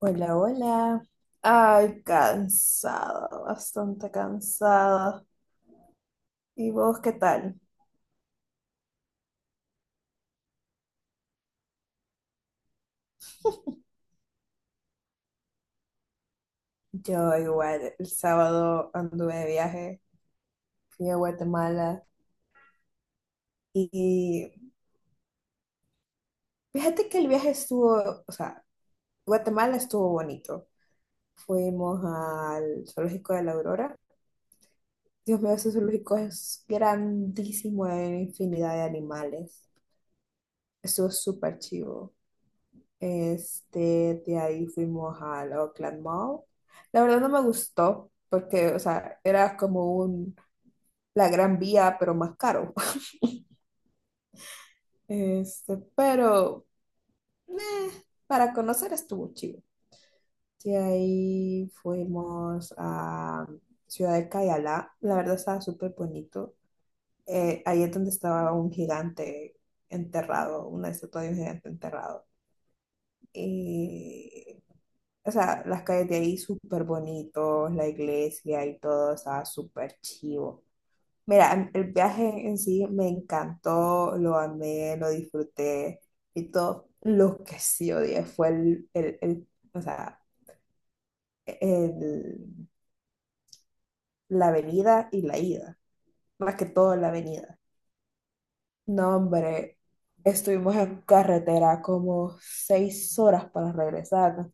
Hola, hola. Ay, cansada, bastante cansada. ¿Y vos qué tal? Yo igual, el sábado anduve de viaje, fui a Guatemala y fíjate que el viaje estuvo, o sea, Guatemala estuvo bonito. Fuimos al zoológico de la Aurora. Dios mío, ese zoológico es grandísimo, hay infinidad de animales. Estuvo súper chivo. De ahí fuimos al Oakland Mall. La verdad no me gustó porque, o sea, era como la Gran Vía, pero más caro. Pero eh, para conocer estuvo chido. De ahí fuimos a Ciudad de Cayalá. La verdad estaba súper bonito. Ahí es donde estaba un gigante enterrado, una estatua de un gigante enterrado. Y O sea, las calles de ahí súper bonitos, la iglesia y todo, estaba súper chivo. Mira, el viaje en sí me encantó, lo amé, lo disfruté y todo. Lo que sí odié fue o sea, el- la venida y la ida, más que todo la venida. No, hombre, estuvimos en carretera como 6 horas para regresar, ¿no?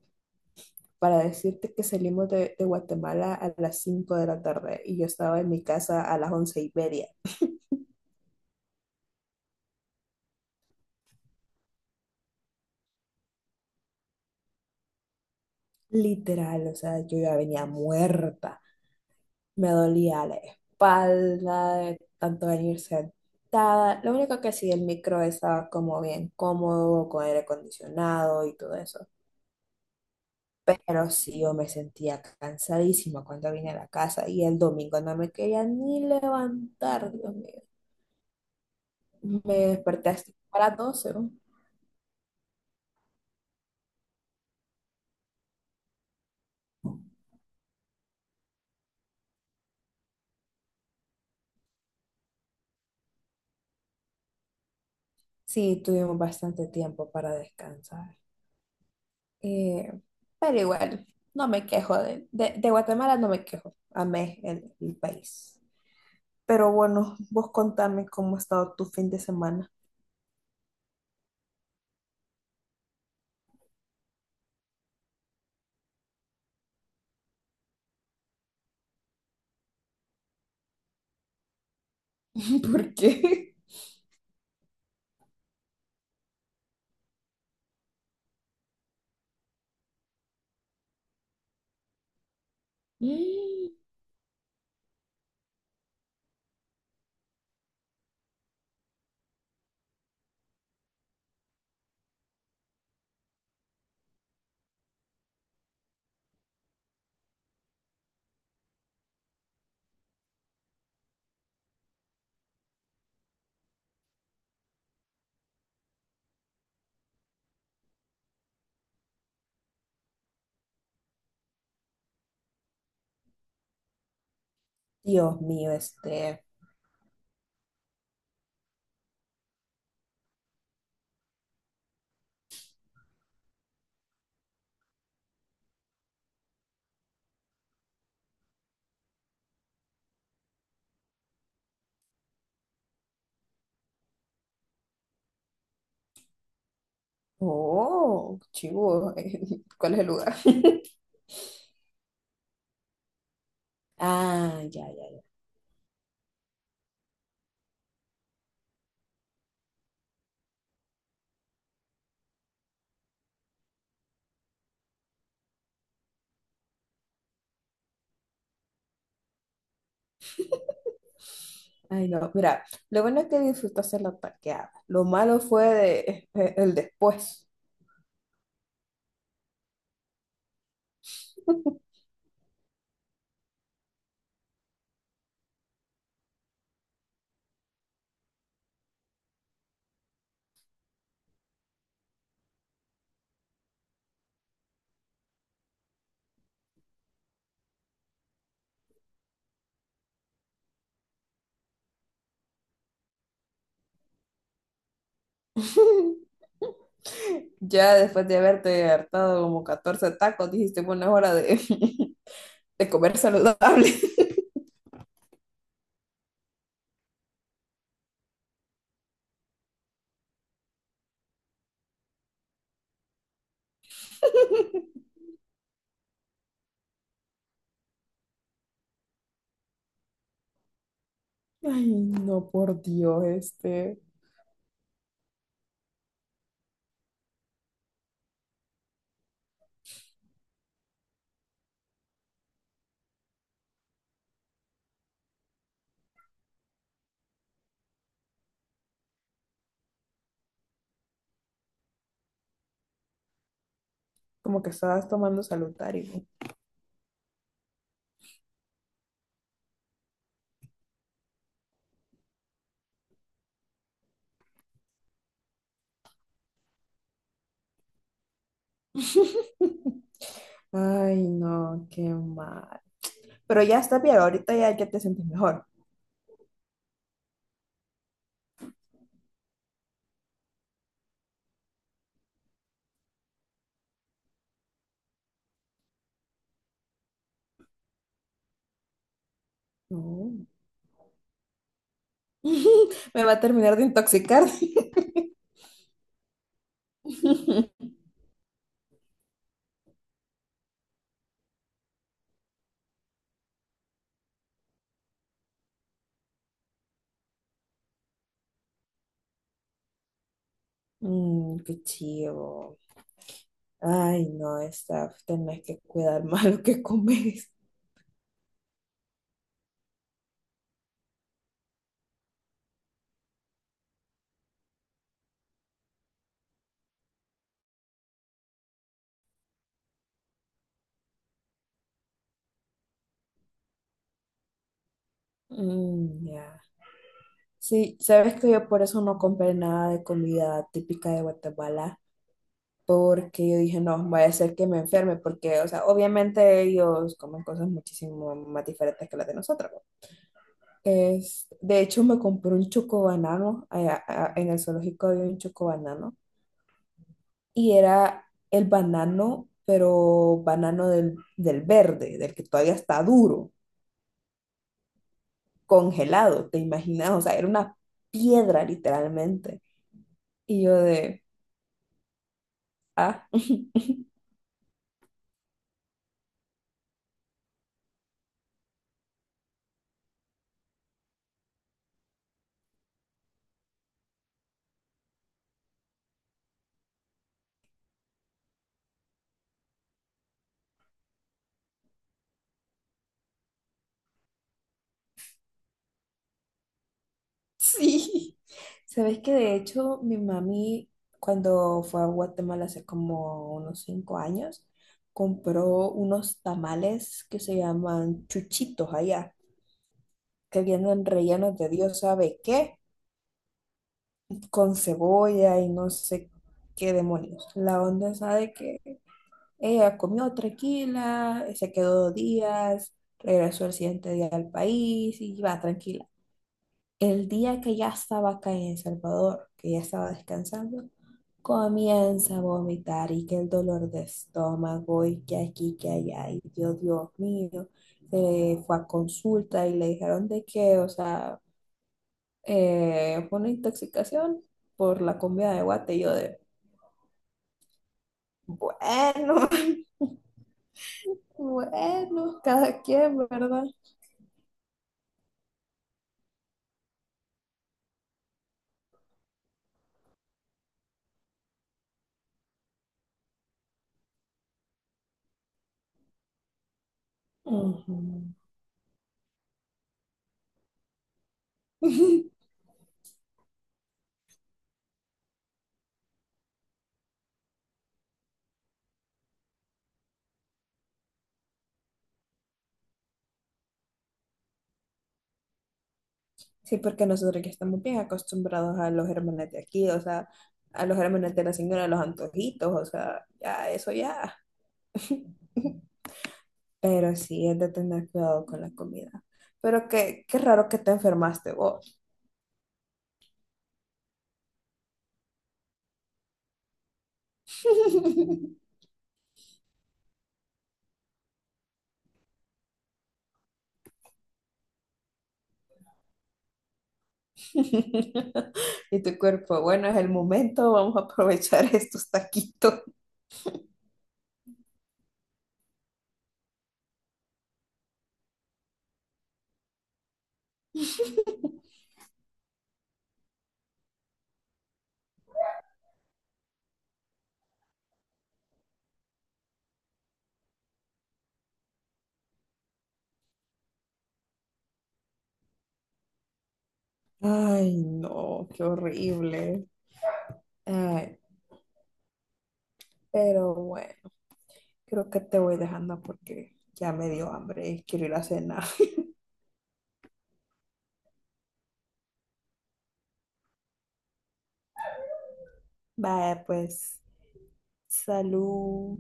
Para decirte que salimos de Guatemala a las 5 de la tarde y yo estaba en mi casa a las 11 y media. Literal, o sea, yo ya venía muerta, me dolía la espalda, de tanto venir sentada. Lo único que sí, el micro estaba como bien cómodo, con aire acondicionado y todo eso. Pero sí, yo me sentía cansadísima cuando vine a la casa y el domingo no me quería ni levantar, Dios mío. Me desperté hasta a las 12. Sí, tuvimos bastante tiempo para descansar. Eh, pero igual, no me quejo de Guatemala, no me quejo. Amé el país. Pero bueno, vos contame cómo ha estado tu fin de semana. ¿Por qué? Mm. Dios mío. Oh, chivo. ¿Cuál es el lugar? Ah, ya, ya, ya. Ay, no, mira, lo bueno es que disfrutaste la parqueada. Lo malo fue el después. Ya después de haberte hartado como 14 tacos, dijiste, bueno, es hora de, de comer saludable. Ay, no, por Dios. Como que estabas tomando salutario. Ay, no, qué mal. Pero ya está bien, ahorita ya, ya te sientes mejor. No. Me va a terminar de intoxicar. Mm, qué chido. Ay, no, Steph, tenés que cuidar más lo que comes. Mm, ya. Sí, sabes que yo por eso no compré nada de comida típica de Guatemala, porque yo dije, no, voy a hacer que me enferme, porque, o sea, obviamente ellos comen cosas muchísimo más diferentes que las de nosotros, ¿no? Es, de hecho, me compré un chocobanano, allá, en el zoológico había un chocobanano, y era el banano, pero banano del verde, del que todavía está duro. Congelado, ¿te imaginas? O sea, era una piedra literalmente. Y yo de, ah, sí. Sabes que de hecho mi mami cuando fue a Guatemala hace como unos 5 años, compró unos tamales que se llaman chuchitos allá, que vienen rellenos de Dios sabe qué, con cebolla y no sé qué demonios. La onda es sabe que ella comió tranquila, se quedó 2 días, regresó el siguiente día al país y va tranquila. El día que ya estaba acá en El Salvador, que ya estaba descansando, comienza a vomitar y que el dolor de estómago y que aquí, que allá, y Dios, Dios mío, se fue a consulta y le dijeron de que, o sea, fue una intoxicación por la comida de guate y yo de, bueno, bueno, cada quien, ¿verdad? Ujú. Sí, porque nosotros ya estamos bien acostumbrados a los gérmenes de aquí, o sea, a los gérmenes de la señora, de los antojitos, o sea, ya eso ya. Pero sí, es de tener cuidado con la comida. Pero qué raro que te enfermaste vos. Y tu cuerpo, bueno, es el momento, vamos a aprovechar estos taquitos. Ay, no, qué horrible. Ay, pero bueno. Creo que te voy dejando porque ya me dio hambre y quiero ir a cenar. Vaya, pues, salud.